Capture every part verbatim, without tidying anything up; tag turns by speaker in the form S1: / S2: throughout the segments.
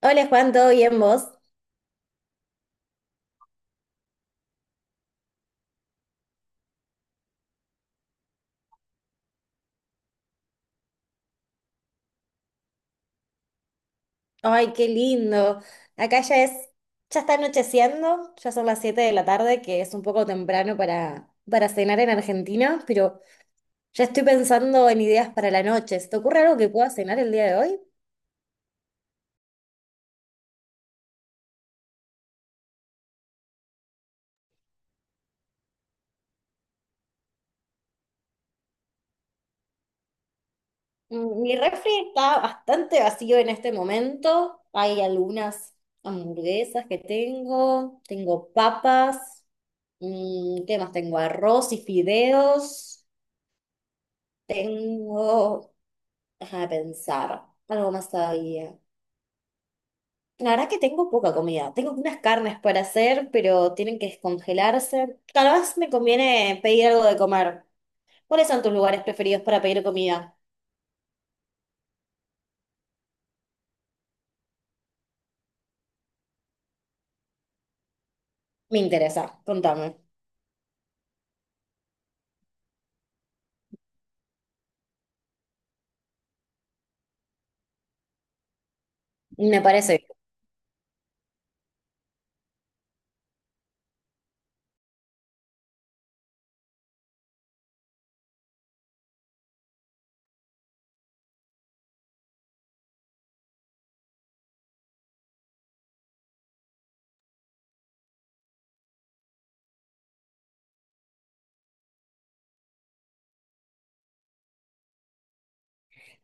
S1: Hola Juan, ¿todo bien vos? Ay, qué lindo. Acá ya es, ya está anocheciendo, ya son las siete de la tarde, que es un poco temprano para, para cenar en Argentina, pero ya estoy pensando en ideas para la noche. ¿Se te ocurre algo que pueda cenar el día de hoy? Mm, Mi refri está bastante vacío en este momento. Hay algunas hamburguesas que tengo, tengo papas, mm, ¿qué más tengo? Arroz y fideos. Tengo Déjame pensar, algo más todavía. La verdad que tengo poca comida. Tengo unas carnes para hacer, pero tienen que descongelarse. Tal vez me conviene pedir algo de comer. ¿Cuáles son tus lugares preferidos para pedir comida? Me interesa, contame. Me parece.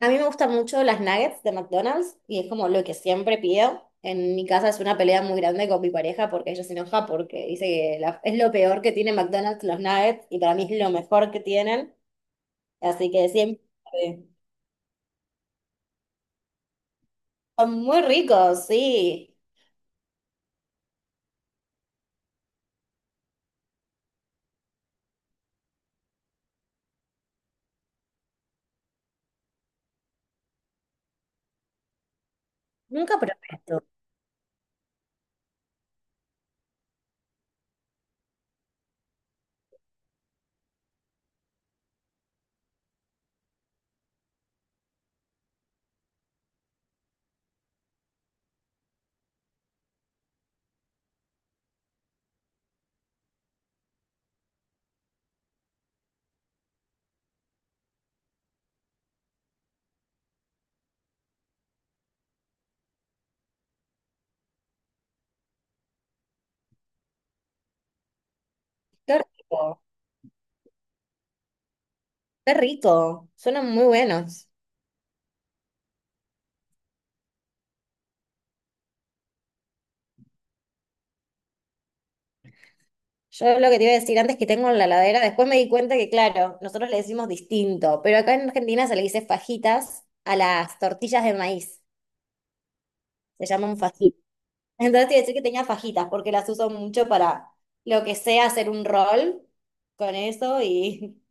S1: A mí me gustan mucho las nuggets de McDonald's y es como lo que siempre pido. En mi casa es una pelea muy grande con mi pareja porque ella se enoja porque dice que la- es lo peor que tiene McDonald's los nuggets y para mí es lo mejor que tienen. Así que siempre... Son muy ricos, sí. Nunca probé esto. Qué rico, qué rico. Suenan muy buenos. Yo lo que te iba a decir antes que tengo en la heladera, después me di cuenta que, claro, nosotros le decimos distinto, pero acá en Argentina se le dice fajitas a las tortillas de maíz. Se llaman fajitas. Entonces te iba a decir que tenía fajitas, porque las uso mucho para lo que sea hacer un rol con eso y,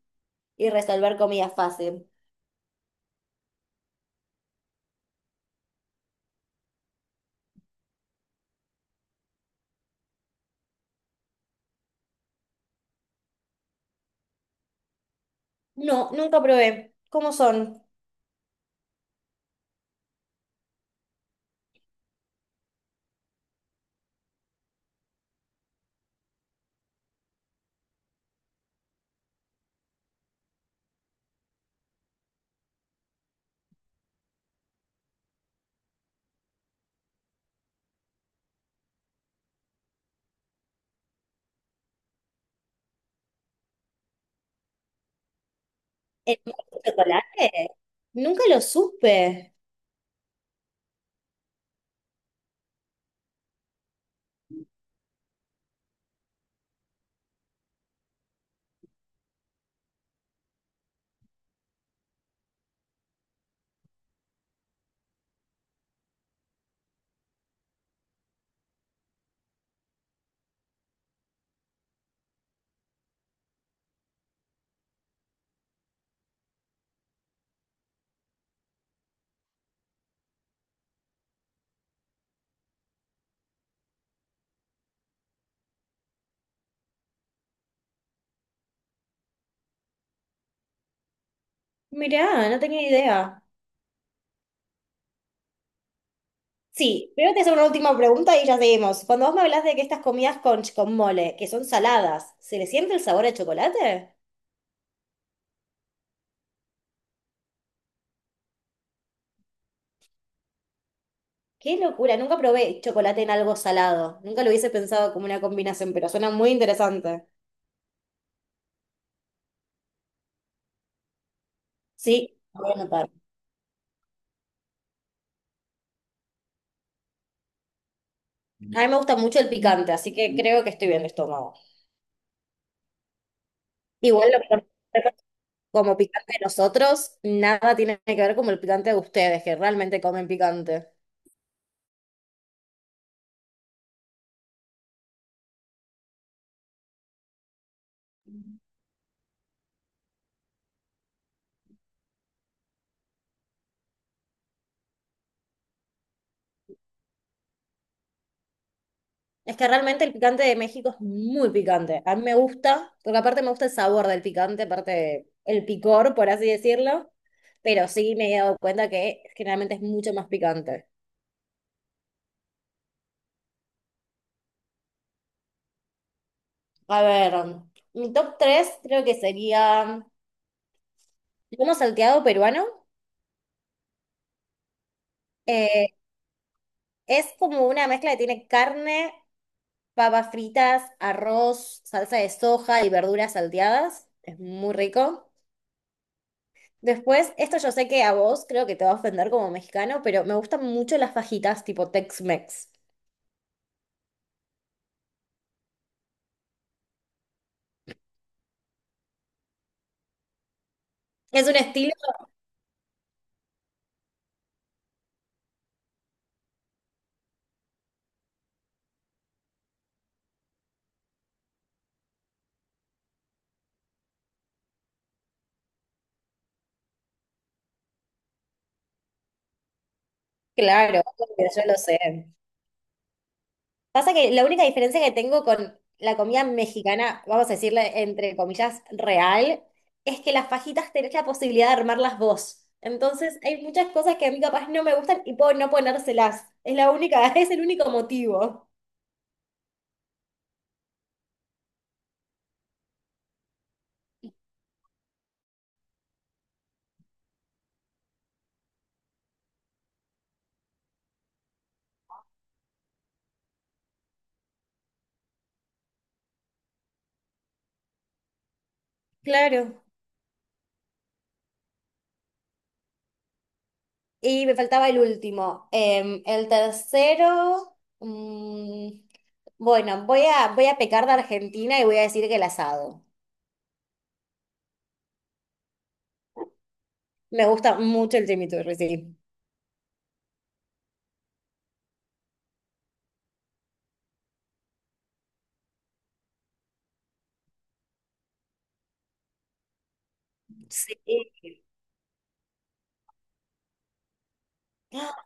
S1: y resolver comida fácil. No, nunca probé. ¿Cómo son? ¿El mundo de chocolate? Nunca lo supe. Mirá, no tenía idea. Sí, primero te hacer una última pregunta y ya seguimos. Cuando vos me hablas de que estas comidas con, con mole, que son saladas, ¿se le siente el sabor de chocolate? Qué locura, nunca probé chocolate en algo salado. Nunca lo hubiese pensado como una combinación, pero suena muy interesante. Sí, lo voy a anotar. A mí me gusta mucho el picante, así que creo que estoy bien de estómago. Igual lo que como picante de nosotros, nada tiene que ver con el picante de ustedes, que realmente comen picante. Es que realmente el picante de México es muy picante. A mí me gusta, porque aparte me gusta el sabor del picante, aparte el picor, por así decirlo. Pero sí me he dado cuenta que generalmente es mucho más picante. A ver, mi top tres creo que sería lomo salteado peruano. Eh, es como una mezcla que tiene carne, papas fritas, arroz, salsa de soja y verduras salteadas. Es muy rico. Después, esto yo sé que a vos creo que te va a ofender como mexicano, pero me gustan mucho las fajitas tipo Tex-Mex. Es un estilo, claro, obvio, yo lo sé. Pasa que la única diferencia que tengo con la comida mexicana, vamos a decirle entre comillas, real, es que las fajitas tenés la posibilidad de armarlas vos. Entonces, hay muchas cosas que a mí capaz no me gustan y puedo no ponérselas. Es la única, es el único motivo. Claro. Y me faltaba el último. Em, el tercero. Mm, bueno, voy a, voy a pecar de Argentina y voy a decir que el asado. Me gusta mucho el chimichurri, sí. Sí.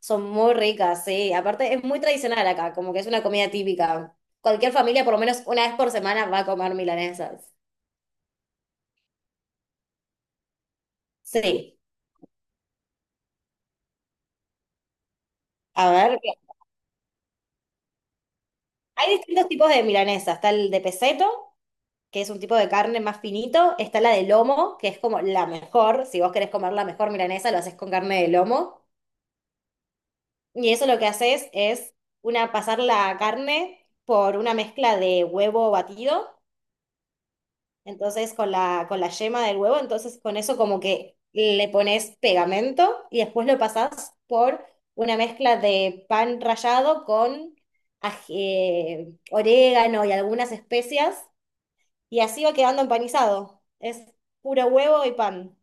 S1: Son muy ricas, sí. Aparte, es muy tradicional acá, como que es una comida típica. Cualquier familia, por lo menos una vez por semana, va a comer milanesas. Sí. A ver, hay distintos tipos de milanesas. Está el de peseto. que es un tipo de carne más finito. Está la de lomo, que es como la mejor. Si vos querés comer la mejor milanesa, lo haces con carne de lomo. Y eso lo que haces es una, pasar la carne por una mezcla de huevo batido, entonces con la, con la yema del huevo, entonces con eso como que le pones pegamento y después lo pasás por una mezcla de pan rallado con ají- eh, orégano y algunas especias. Y así va quedando empanizado. Es puro huevo y pan.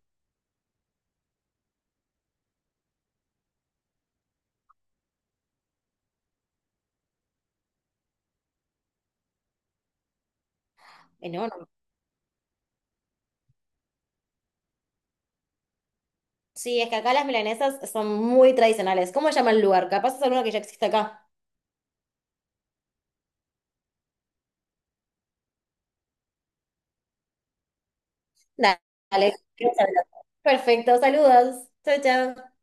S1: Enorme. Sí, es que acá las milanesas son muy tradicionales. ¿Cómo se llama el lugar? Capaz es alguno que ya existe acá. Dale. Perfecto, saludos. Chao, chao.